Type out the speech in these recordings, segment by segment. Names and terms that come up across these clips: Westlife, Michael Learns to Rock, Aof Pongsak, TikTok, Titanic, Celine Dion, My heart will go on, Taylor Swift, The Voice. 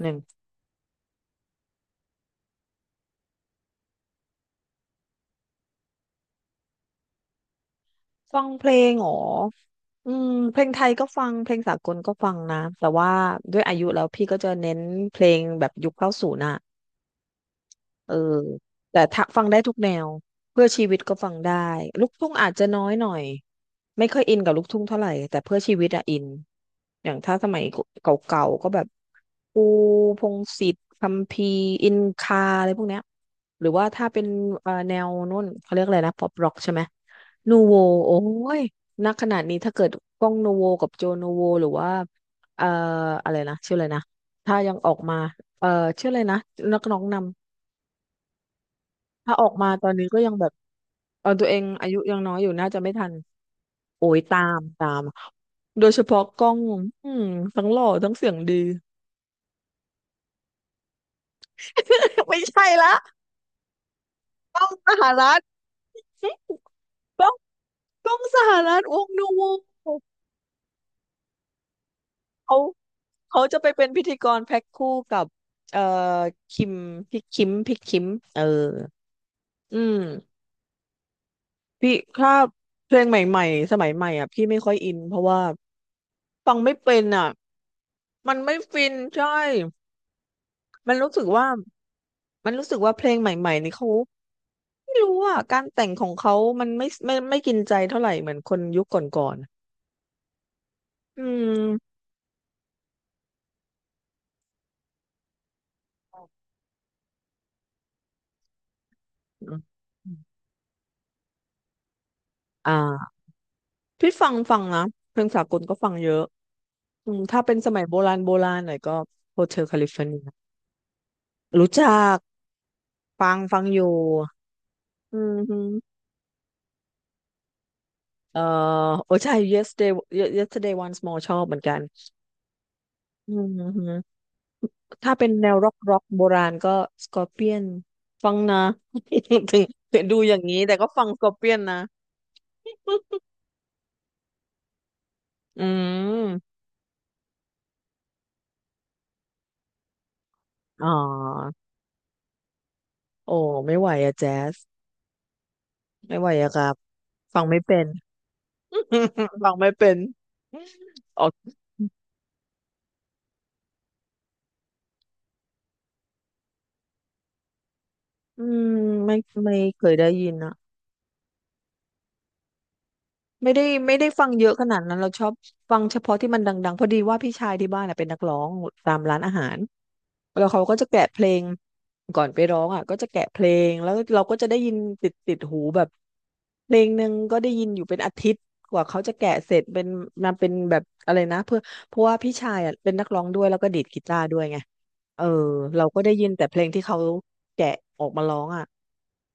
หนึ่งฟังเพลงเหรอเพลงไทยก็ฟังเพลงสากลก็ฟังนะ แต่ว่าด้วยอายุแล้วพี่ก็จะเน้นเพลงแบบยุคเก้าศูนย์อ่ะเออแต่ถ้าฟังได้ทุกแนว เพื่อชีวิตก็ฟังได้ ลูกทุ่งอาจจะน้อยหน่อย ไม่ค่อยอินกับลูกทุ่งเท่าไหร่แต่เพื่อชีวิตอะอินอย่างถ้าสมัยเก่าๆก็แบบปูพงษ์สิทธิ์คัมภีร์อินคาอะไรพวกเนี้ยหรือว่าถ้าเป็นแนวนู่นเขาเรียกอะไรนะป๊อปร็อกใช่ไหมนูโวโอ้ยนักขนาดนี้ถ้าเกิดก้องนูโวกับโจนูโวหรือว่าเอ่ออะไรนะชื่ออะไรนะถ้ายังออกมาเอ่อชื่ออะไรนะนักร้องนำถ้าออกมาตอนนี้ก็ยังแบบเออตัวเองอายุยังน้อยอยู่น่าจะไม่ทันโอ้ยตาม โดยเฉพาะกล้องอืมทั้งหล่อทั้งเสียงดี ไม่ใช่ละกล้องสหรัฐ กล้องกล้องสหรัฐวงนูวูเขาจะไปเป็นพิธีกรแพ็คคู่กับเอ่อคิมพี่คิมเออ อืมพี่ถ้าเพลงใหม่ๆสมัยใหม่อ่ะพี่ไม่ค่อยอินเพราะว่าฟังไม่เป็นอ่ะมันไม่ฟินใช่ มันรู้สึกว่า มันรู้สึกว่าเพลงใหม่ๆนี่เขาไม่รู้อ่ะการแต่งของเขา มันไม่กินใจเท่าไหร่เหมือนคนยุคก่อนๆอืม อ่าพี่ฟังนะเพลงสากลก็ฟังเยอะอืมถ้าเป็นสมัยโบราณหน่อยก็โฮเทลแคลิฟอร์เนียรู้จักฟังอยู่อืมฮึเอ่อโอ้ใช่ yesterday yesterday once more ชอบเหมือนกันอืมฮึ ถ้าเป็นแนวร็อกโบราณก็สกอร์เปียนฟังนะ ถึงถึงดูอย่างนี้แต่ก็ฟังสกอร์เปียนนะอืมอ๋อโอ้ไม่ไหวอะแจ๊สไม่ไหวอะครับฟังไม่เป็น ฟังไม่เป็นออกอืมไม่ไม่เคยได้ยินอะไม่ได้ฟังเยอะขนาดนั้นเราชอบฟังเฉพาะที่มันดังๆพอดีว่าพี่ชายที่บ้านน่ะเป็นนักร้องตามร้านอาหาร แล้วเขาก็จะแกะเพลงก่อนไปร้องอ่ะก็จะแกะเพลงแล้วเราก็จะได้ยินติดหูแบบเพลงหนึ่งก็ได้ยินอยู่เป็นอาทิตย์กว่าเขาจะแกะเสร็จเป็นมาเป็นแบบอะไรนะเพื่อเพราะว่าพี่ชายอ่ะเป็นนักร้องด้วยแล้วก็ดีดกีตาร์ด้วยไงเออเราก็ได้ยินแต่เพลงที่เขาแกะออกมาร้องอ่ะ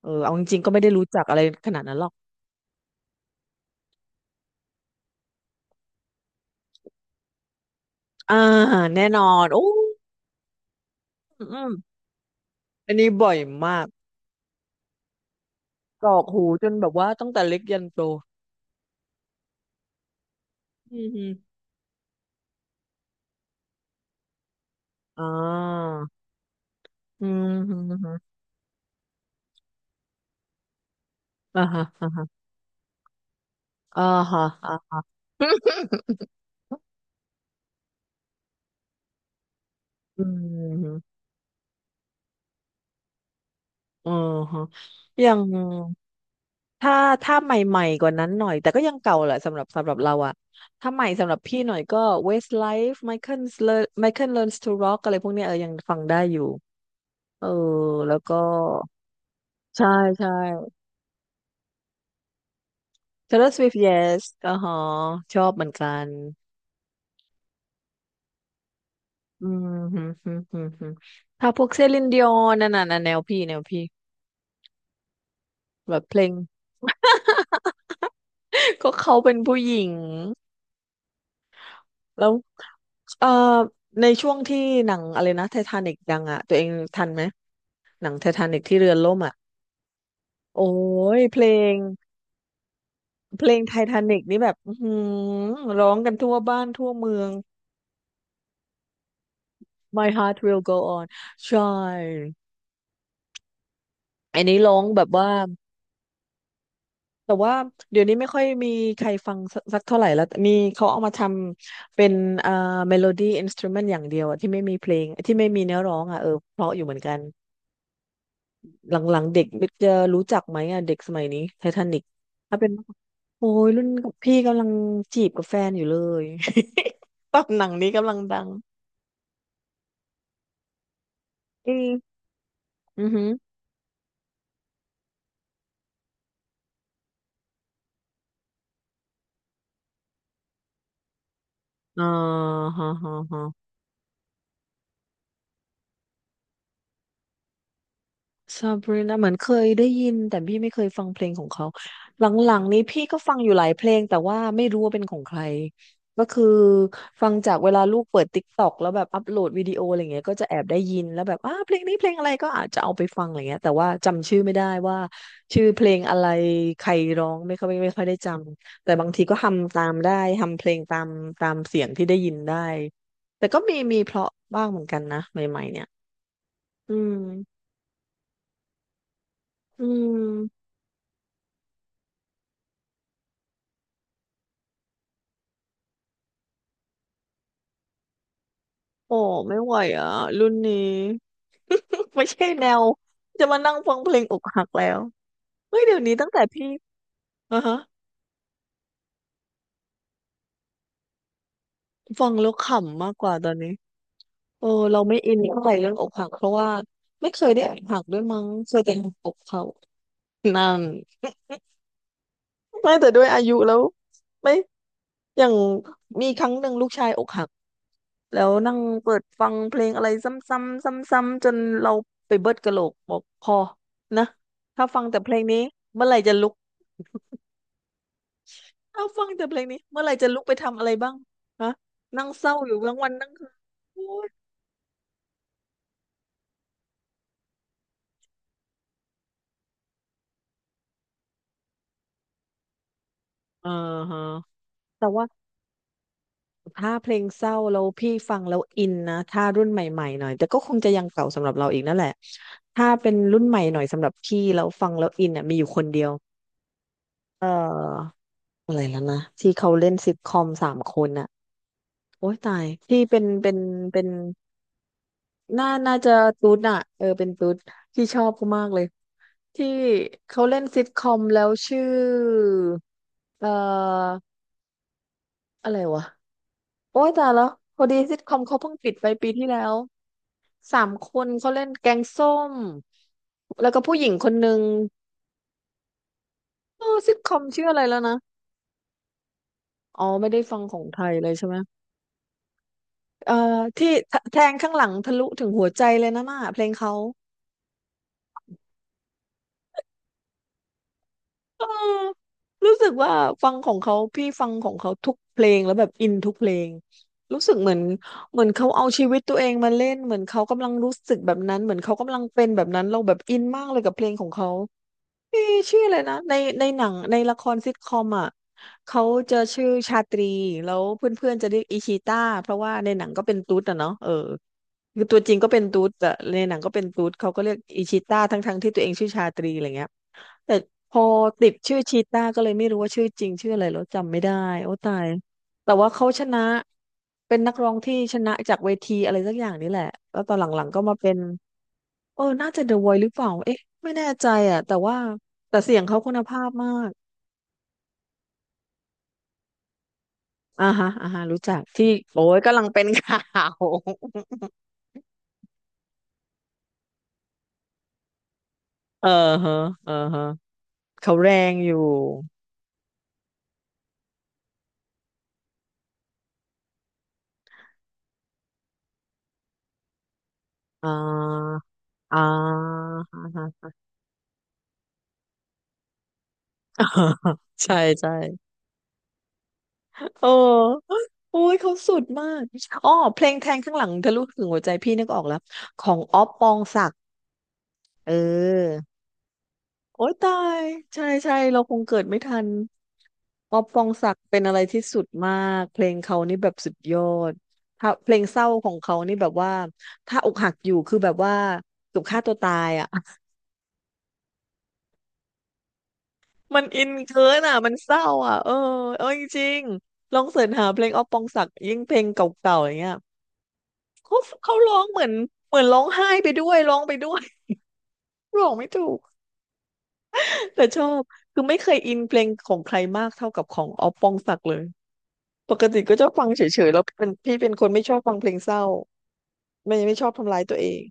เออเอาจริงๆก็ไม่ได้รู้จักอะไรขนาดนั้นหรอกอ่าแน่นอนโอ้อืมอมอันนี้บ่อยมากกรอกหูจนแบบว่าตั้งแต่เล็กยันโตอืมอมอ่า อืมฮฮอ่าฮะอ่าฮะอ่าฮะอ่าอืมฮอือฮะยังถ้าถ้าใหม่ๆกว่านั้นหน่อยแต่ก็ยังเก่าแหละสำหรับเราอะถ้าใหม่สำหรับพี่หน่อยก็ Westlife Michael Learns to Rock อะไรพวกเนี้ยเออยังฟังได้อยู่เออแล้วก็ใช่ใช่ Taylor Swift Yes อ่าฮะชอบเหมือนกันอืมฮึมฮึมฮึมฮึมถ้าพวกเซลินดิออนนั่นน่ะนะแนวพี่แบบเพลง ก็เขาเป็นผู้หญิงแล้วเอ่อในช่วงที่หนังอะไรนะไททานิกดังอ่ะตัวเองทันไหมหนังไททานิกที่เรือล่มอ่ะโอ้ยเพลงเพลงไททานิกนี่แบบอื้อหือร้องกันทั่วบ้านทั่วเมือง My heart will go on ใช่อันนี้ร้องแบบว่าแต่ว่าเดี๋ยวนี้ไม่ค่อยมีใครฟังสักเท่าไหร่แล้วมีเขาเอามาทำเป็นเอ่อเมโลดี้อินสต u เมนต์อย่างเดียวอะที่ไม่มีเพลงที่ไม่มีเนื้อร้องอ่ะเออเพราะอยู่เหมือนกัน หลังๆเด็กจะรู้จักไหมอ่ะเด็กสมัยนี้ไททานิกถ้าเป็นโอ้ยรุ่นกับพี่กำลังจีบกับแฟนอยู่เลย ตอนหนังนี้กำลังดังอืมอือหืออ่าฮะฮะฮะ ซาบรีนาเหมือนเคยได้ยินแต่พี่ไม่เคยฟังเพลงของเขาหลังๆนี้พี่ก็ฟังอยู่หลายเพลงแต่ว่าไม่รู้ว่าเป็นของใครก็คือฟังจากเวลาลูกเปิดติ๊กต็อกแล้วแบบอัปโหลดวิดีโออะไรเงี้ยก็จะแอบได้ยินแล้วแบบอ้าเพลงนี้เพลงอะไรก็อาจจะเอาไปฟังอะไรเงี้ยแต่ว่าจำชื่อไม่ได้ว่าชื่อเพลงอะไรใครร้องไม่ค่อยได้จำแต่บางทีก็ทำตามได้ทำเพลงตามตามเสียงที่ได้ยินได้แต่ก็มีเพราะบ้างเหมือนกันนะใหม่ๆเนี่ยอืมอืม โอ้ไม่ไหวอ่ะรุ่นนี้ ไม่ใช่แนวจะมานั่งฟังเพลงอกหักแล้วเฮ้ยเดี๋ยวนี้ตั้งแต่พี่อ่ะฮะฟังแล้วขำมากกว่าตอนนี้เออเราไม่อินเท่าไหร่เรื่องอกหักเพราะว่าไม่เคยได้อกหักด้วยมั้งเคยแต่อกเขานั่น ไม่แต่ด้วยอายุแล้วไม่อย่างมีครั้งหนึ่งลูกชายอกหัก แล้วนั่งเปิดฟังเพลงอะไรซ้ำๆซ้ำๆจนเราไปเบิดกะโหลกบอกพอนะถ้าฟังแต่เพลงนี้เมื่อไหร่จะลุกถ้าฟังแต่เพลงนี้เมื่อไหร่จะลุกไปทำอะไรบ้างฮะนั่งเศร้าอยู่ทั้งวันทั้งคืนโอ๊ยอ่าฮะแต่ว่าถ้าเพลงเศร้าแล้วพี่ฟังแล้วอินนะถ้ารุ่นใหม่ๆหน่อยแต่ก็คงจะยังเก่าสำหรับเราอีกนั่นแหละถ้าเป็นรุ่นใหม่หน่อยสำหรับพี่แล้วฟังแล้วอินอ่ะมีอยู่คนเดียวเอ่ออะไรแล้วนะที่เขาเล่นซิทคอมสามคนอ่ะ โอ้ยตายที่เป็นเป็นน่าจะตูดอะเออเป็นตูดที่ชอบเขามากเลยที่เขาเล่นซิทคอมแล้วชื่อเอ่ออะไรวะโอ้ยตายแล้วพอดีซิทคอมเขาเพิ่งปิดไปปีที่แล้วสามคนเขาเล่นแกงส้มแล้วก็ผู้หญิงคนนึงเออซิทคอมชื่ออะไรแล้วนะอ๋อไม่ได้ฟังของไทยเลยใช่ไหมเอ่อที่แทงข้างหลังทะลุถึงหัวใจเลยนะน่ะเพลงเขา เออรู้สึกว่าฟังของเขาพี่ฟังของเขาทุกเพลงแล้วแบบอินทุกเพลงรู้สึกเหมือนเขาเอาชีวิตตัวเองมาเล่นเหมือนเขากำลังรู้สึกแบบนั้นเหมือนเขากำลังเป็นแบบนั้นเราแบบอินมากเลยกับเพลงของเขาพี่ชื่ออะไรนะในหนังในละครซิทคอมอ่ะเขาจะชื่อชาตรีแล้วเพื่อนๆจะเรียกอิชิต้าเพราะว่าในหนังก็เป็นตุ๊ดอะเนาะเออคือตัวจริงก็เป็นตุ๊ดแต่ในหนังก็เป็นตุ๊ดเขาก็เรียกอิชิต้าทั้งๆที่ตัวเองชื่อชาตรีอะไรเงี้ย แต่พอติดชื่อชีต้าก็เลยไม่รู้ว่าชื่อจริงชื่ออะไรแล้วจำไม่ได้โอ้ตาย แต่ว่าเขาชนะเป็นนักร้องที่ชนะจากเวทีอะไรสักอย่างนี่แหละแล้วตอนหลังๆก็มาเป็นเออน่าจะ The Voice หรือเปล่าเอ๊ะไม่แน่ใจอ่ะแต่ว่าแต่เสียงเขาคุณภาพมากอ่าฮะอ่าฮะรู้จักที่โอ้ยกำลังเป็นข่าว เออฮะเออฮะเขาแรงอยู่อ่าอ่าฮะ ใช่ใช่ โอ้โอ้ยเขาสุดมากอ๋อเพลงแทงข้างหลังทะลุถึงหัวใจพี่นึกออกแล้วของอ๊อฟปองศักดิ์เออโอ้ยตายใช่ใช่เราคงเกิดไม่ทันอ๊อฟปองศักดิ์เป็นอะไรที่สุดมากเพลงเขานี่แบบสุดยอดถ้าเพลงเศร้าของเขานี่แบบว่าถ้าอกหักอยู่คือแบบว่าถูกฆ่าตัวตายอ่ะ มันอินเกินอ่ะมันเศร้าอ่ะเออเออจริงๆลองเสิร์ชหาเพลงอ๊อฟปองศักดิ์ยิ่งเพลงเก่าๆอย่างเงี้ย เขาเขาร้องเหมือนร้องไห้ไปด้วยร้องไปด้วย ร้องไม่ถูกแต่ชอบคือไม่เคยอินเพลงของใครมากเท่ากับของออฟปองศักดิ์เลยปกติก็ชอบฟังเฉยๆแล้วเป็นพี่เป็นคนไม่ชอบฟังเพลงเศร้าไม่ชอบทำร้ายตัวเอง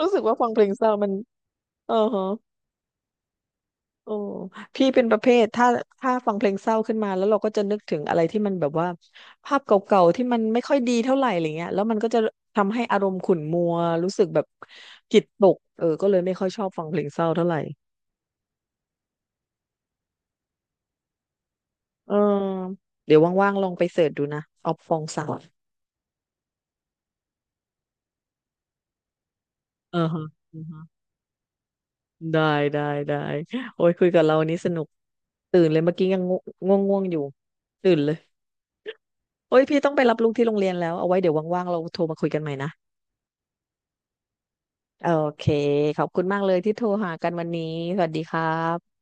รู้สึกว่าฟังเพลงเศร้ามันเออฮะ โอ้พี่เป็นประเภทถ้าฟังเพลงเศร้าขึ้นมาแล้วเราก็จะนึกถึงอะไรที่มันแบบว่าภาพเก่าๆที่มันไม่ค่อยดีเท่าไหร่อะไรเงี้ยแล้วมันก็จะทำให้อารมณ์ขุ่นมัวรู้สึกแบบจิตตกเออก็เลยไม่ค่อยชอบฟังเพลงเศร้าเท่าไหร่เออเดี๋ยวว่างๆลองไปเสิร์ชดูนะออฟฟองศักดิ์เออฮะอือฮะได้ได้ได้โอ้ยคุยกับเราวันนี้สนุกตื่นเลยเมื่อกี้ยังง่วงอยู่ตื่นเลยโอ้ยพี่ต้องไปรับลูกที่โรงเรียนแล้วเอาไว้เดี๋ยวว่างๆเราโทรมาคุยกันใหม่นะ โอเค ขอบคุณมากเลยที่โทรหากันวันนี้ สวัสดีครับ